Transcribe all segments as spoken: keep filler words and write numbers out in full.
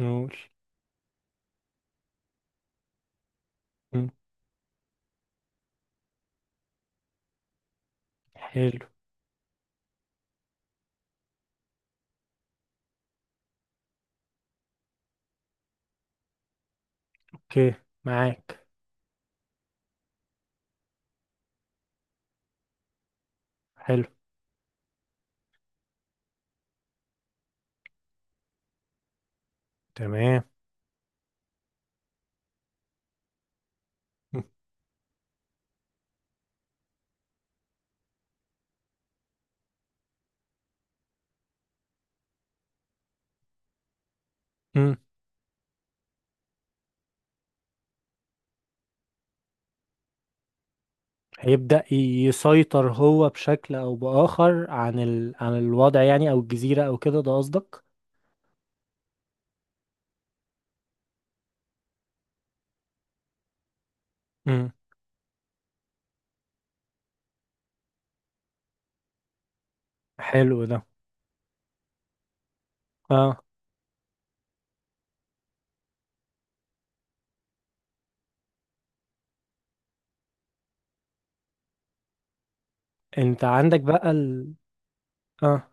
نقول. مم. حلو. اوكي، معاك. حلو. تمام. مم. مم. هيبدأ يسيطر هو بشكل او بآخر عن ال... عن الوضع، يعني، او الجزيرة او كده، ده قصدك؟ مم. حلو ده. اه، انت عندك بقى ال... اه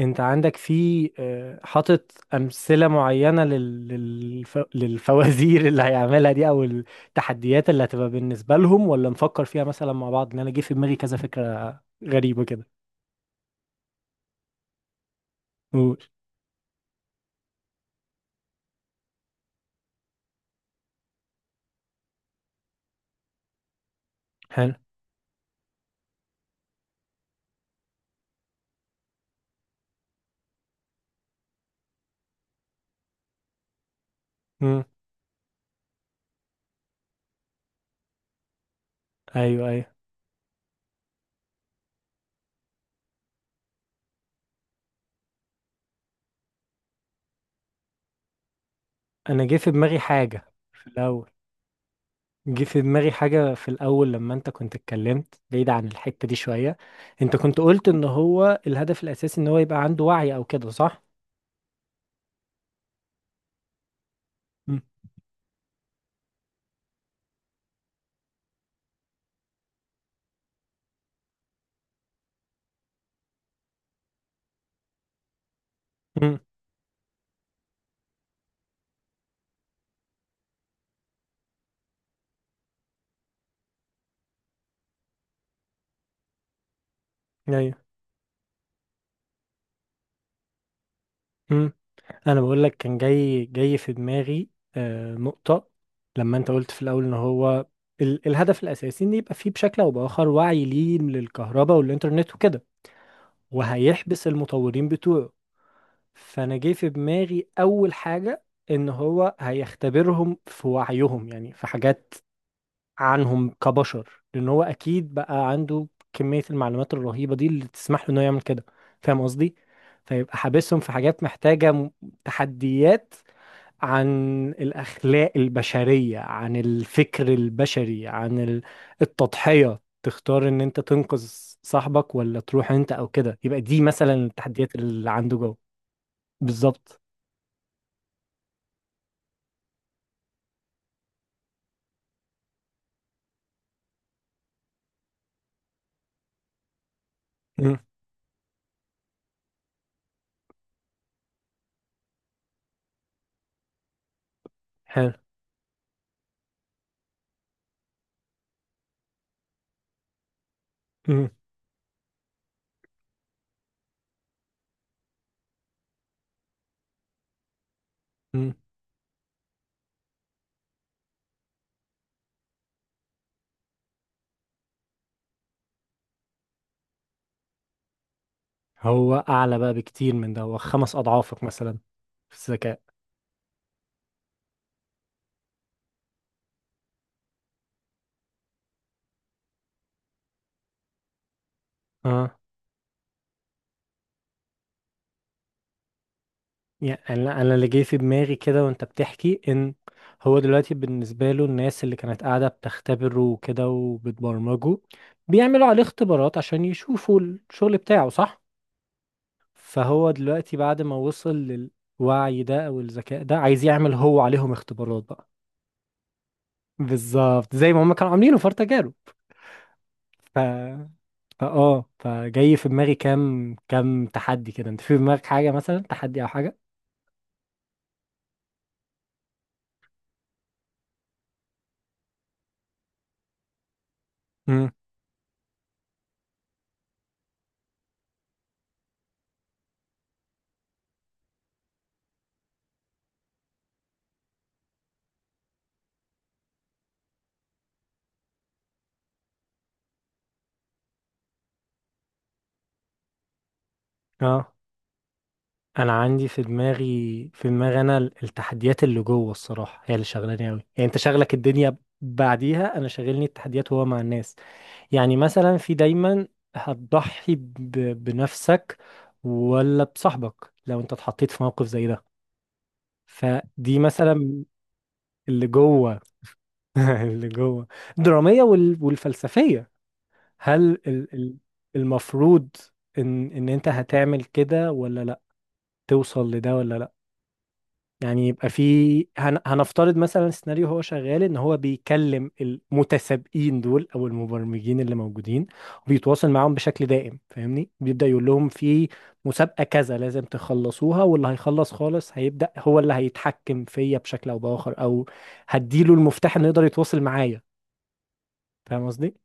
انت عندك في آه، حاطط امثلة معينة لل... للف... للفوازير اللي هيعملها دي، او التحديات اللي هتبقى بالنسبة لهم، ولا نفكر فيها مثلا مع بعض؟ ان انا جه في دماغي كذا فكرة غريبة كده. قول. حلو. امم. ايوه، ايوه. انا جه في دماغي حاجه في الاول جه في دماغي حاجه في الاول لما انت كنت اتكلمت، بعيد عن الحته دي شويه. انت كنت قلت ان هو الهدف الاساسي ان هو يبقى عنده وعي او كده، صح؟ امم. امم. ايوه. امم. انا بقول لك، كان جاي جاي في دماغي آه نقطه لما انت قلت في الاول ان هو ال الهدف الاساسي ان يبقى فيه بشكل او باخر وعي ليه للكهرباء والانترنت وكده، وهيحبس المطورين بتوعه. فانا جه في دماغي اول حاجه، ان هو هيختبرهم في وعيهم، يعني في حاجات عنهم كبشر، لان هو اكيد بقى عنده كميه المعلومات الرهيبه دي اللي تسمح له انه يعمل كده، فاهم قصدي؟ فيبقى حابسهم في حاجات محتاجه م- تحديات، عن الاخلاق البشريه، عن الفكر البشري، عن ال- التضحيه. تختار ان انت تنقذ صاحبك ولا تروح انت او كده، يبقى دي مثلا التحديات اللي عنده جوه. بالظبط. حلو. مم. مم. هو اعلى بقى بكتير من ده، هو خمس اضعافك مثلا، في الذكاء. اه، يعني انا أنا اللي جاي في دماغي كده، وانت بتحكي ان هو دلوقتي بالنسبه له الناس اللي كانت قاعده بتختبره وكده وبتبرمجه بيعملوا عليه اختبارات عشان يشوفوا الشغل بتاعه صح، فهو دلوقتي بعد ما وصل للوعي ده او الذكاء ده، عايز يعمل هو عليهم اختبارات بقى. بالظبط، زي ما هم كانوا عاملينه في تجارب. فاه فجاي في دماغي كام كام تحدي كده، انت في دماغك حاجة مثلا، تحدي او حاجة؟ امم. اه، انا عندي في دماغي في دماغي انا ال- التحديات اللي جوه الصراحة، هي اللي شغلاني قوي، يعني انت شغلك الدنيا بعديها، انا شاغلني التحديات وهو مع الناس. يعني مثلا، في دايما هتضحي ب- بنفسك ولا بصاحبك لو انت اتحطيت في موقف زي ده، فدي مثلا اللي جوه. اللي جوه الدرامية وال- والفلسفية. هل ال- ال- المفروض ان ان انت هتعمل كده ولا لا، توصل لده ولا لا؟ يعني يبقى في، هن- هنفترض مثلا السيناريو هو شغال ان هو بيكلم المتسابقين دول او المبرمجين اللي موجودين وبيتواصل معاهم بشكل دائم، فاهمني، بيبدأ يقول لهم في مسابقة كذا لازم تخلصوها، واللي هيخلص خالص هيبدأ هو اللي هيتحكم فيا بشكل او بآخر، او هديله المفتاح انه يقدر يتواصل معايا، فاهم قصدي؟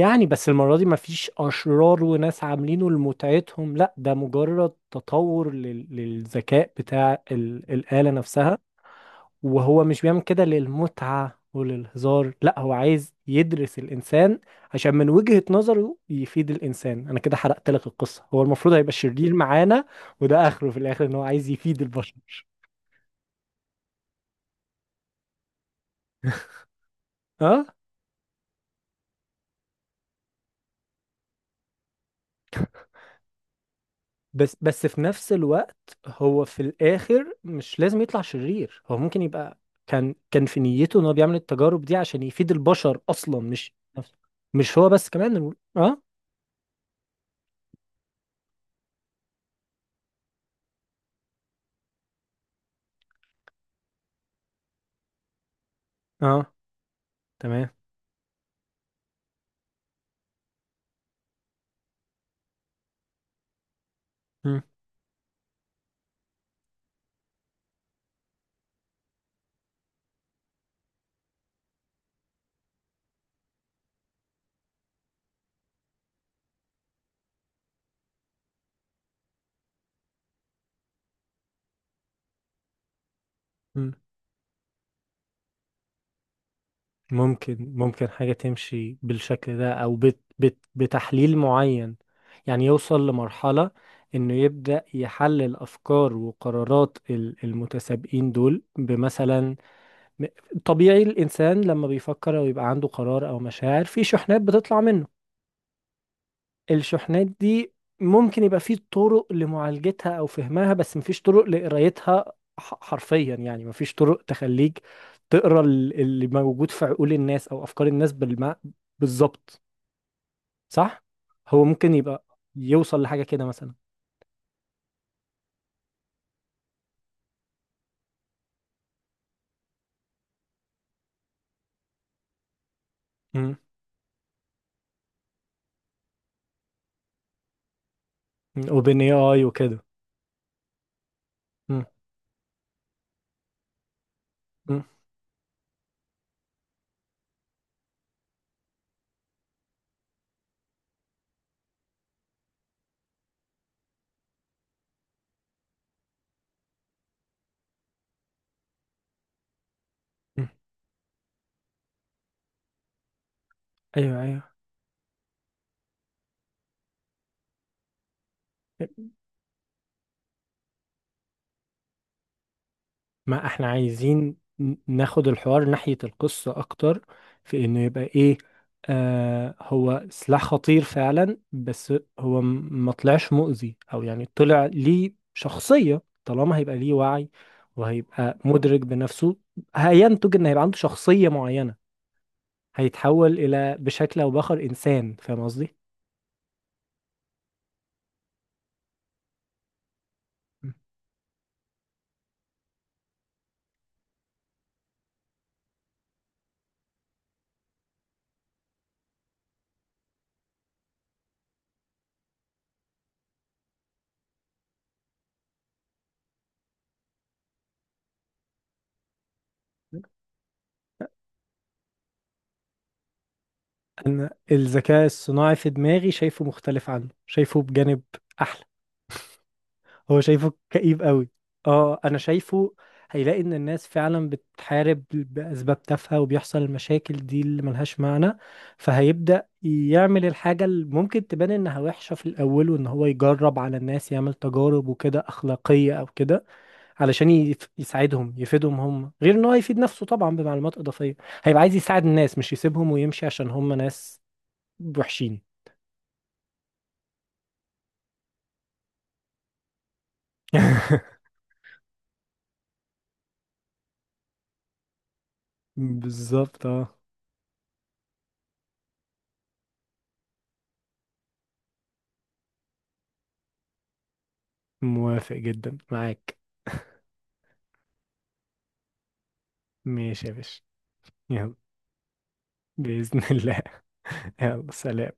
يعني بس المرة دي مفيش أشرار وناس عاملينه لمتعتهم، لا ده مجرد تطور لل- للذكاء بتاع ال- الآلة نفسها. وهو مش بيعمل كده للمتعة وللهزار، لا هو عايز يدرس الإنسان عشان من وجهة نظره يفيد الإنسان. أنا كده حرقت لك القصة، هو المفروض هيبقى شرير معانا، وده آخره في الآخر إن هو عايز يفيد البشر. آه؟ بس بس في نفس الوقت، هو في الاخر مش لازم يطلع شرير، هو ممكن يبقى كان كان في نيته ان هو بيعمل التجارب دي عشان يفيد البشر اصلا، مش نفسه، مش هو بس كمان الم- اه، اه، تمام. مم. مم. ممكن ممكن حاجة تمشي بالشكل ده او بت بت بتحليل معين، يعني يوصل لمرحلة انه يبدأ يحلل افكار وقرارات ال- المتسابقين دول، بمثلا م- طبيعي الإنسان لما بيفكر أو يبقى عنده قرار أو مشاعر، في شحنات بتطلع منه، الشحنات دي ممكن يبقى في طرق لمعالجتها أو فهمها، بس مفيش طرق لقرايتها، ح- حرفيا، يعني مفيش طرق تخليك تقرا ال- اللي موجود في عقول الناس أو أفكار الناس بالم... بالظبط، صح؟ هو ممكن يبقى يوصل لحاجة كده مثلا. أوبن اي اي وكده. مم. مم. مم. أيوه، أيوه. ما احنا عايزين ن- ناخد الحوار ناحية القصة أكتر، في إنه يبقى إيه، آه هو سلاح خطير فعلا، بس هو م- ما طلعش مؤذي، أو يعني طلع ليه شخصية طالما هيبقى ليه وعي وهيبقى مدرك بنفسه، هينتج إن هيبقى عنده شخصية معينة، هيتحول إلى بشكل أو بآخر إنسان، فاهم قصدي؟ الذكاء الصناعي في دماغي شايفه مختلف عنه، شايفه بجانب أحلى، هو شايفه كئيب قوي. اه، انا شايفه هيلاقي ان الناس فعلا بتحارب باسباب تافهه وبيحصل المشاكل دي اللي ملهاش معنى، فهيبدا يعمل الحاجه اللي ممكن تبان انها وحشه في الاول، وان هو يجرب على الناس، يعمل تجارب وكده اخلاقيه او كده، علشان يف- يساعدهم، يفيدهم هم، غير ان هو يفيد نفسه طبعا بمعلومات اضافيه. هيبقى عايز يساعد الناس، مش يسيبهم ويمشي عشان هم ناس وحشين. بالظبط. اه، موافق جدا معاك. ماشي يا باشا. يلا، بإذن الله. يلا، سلام.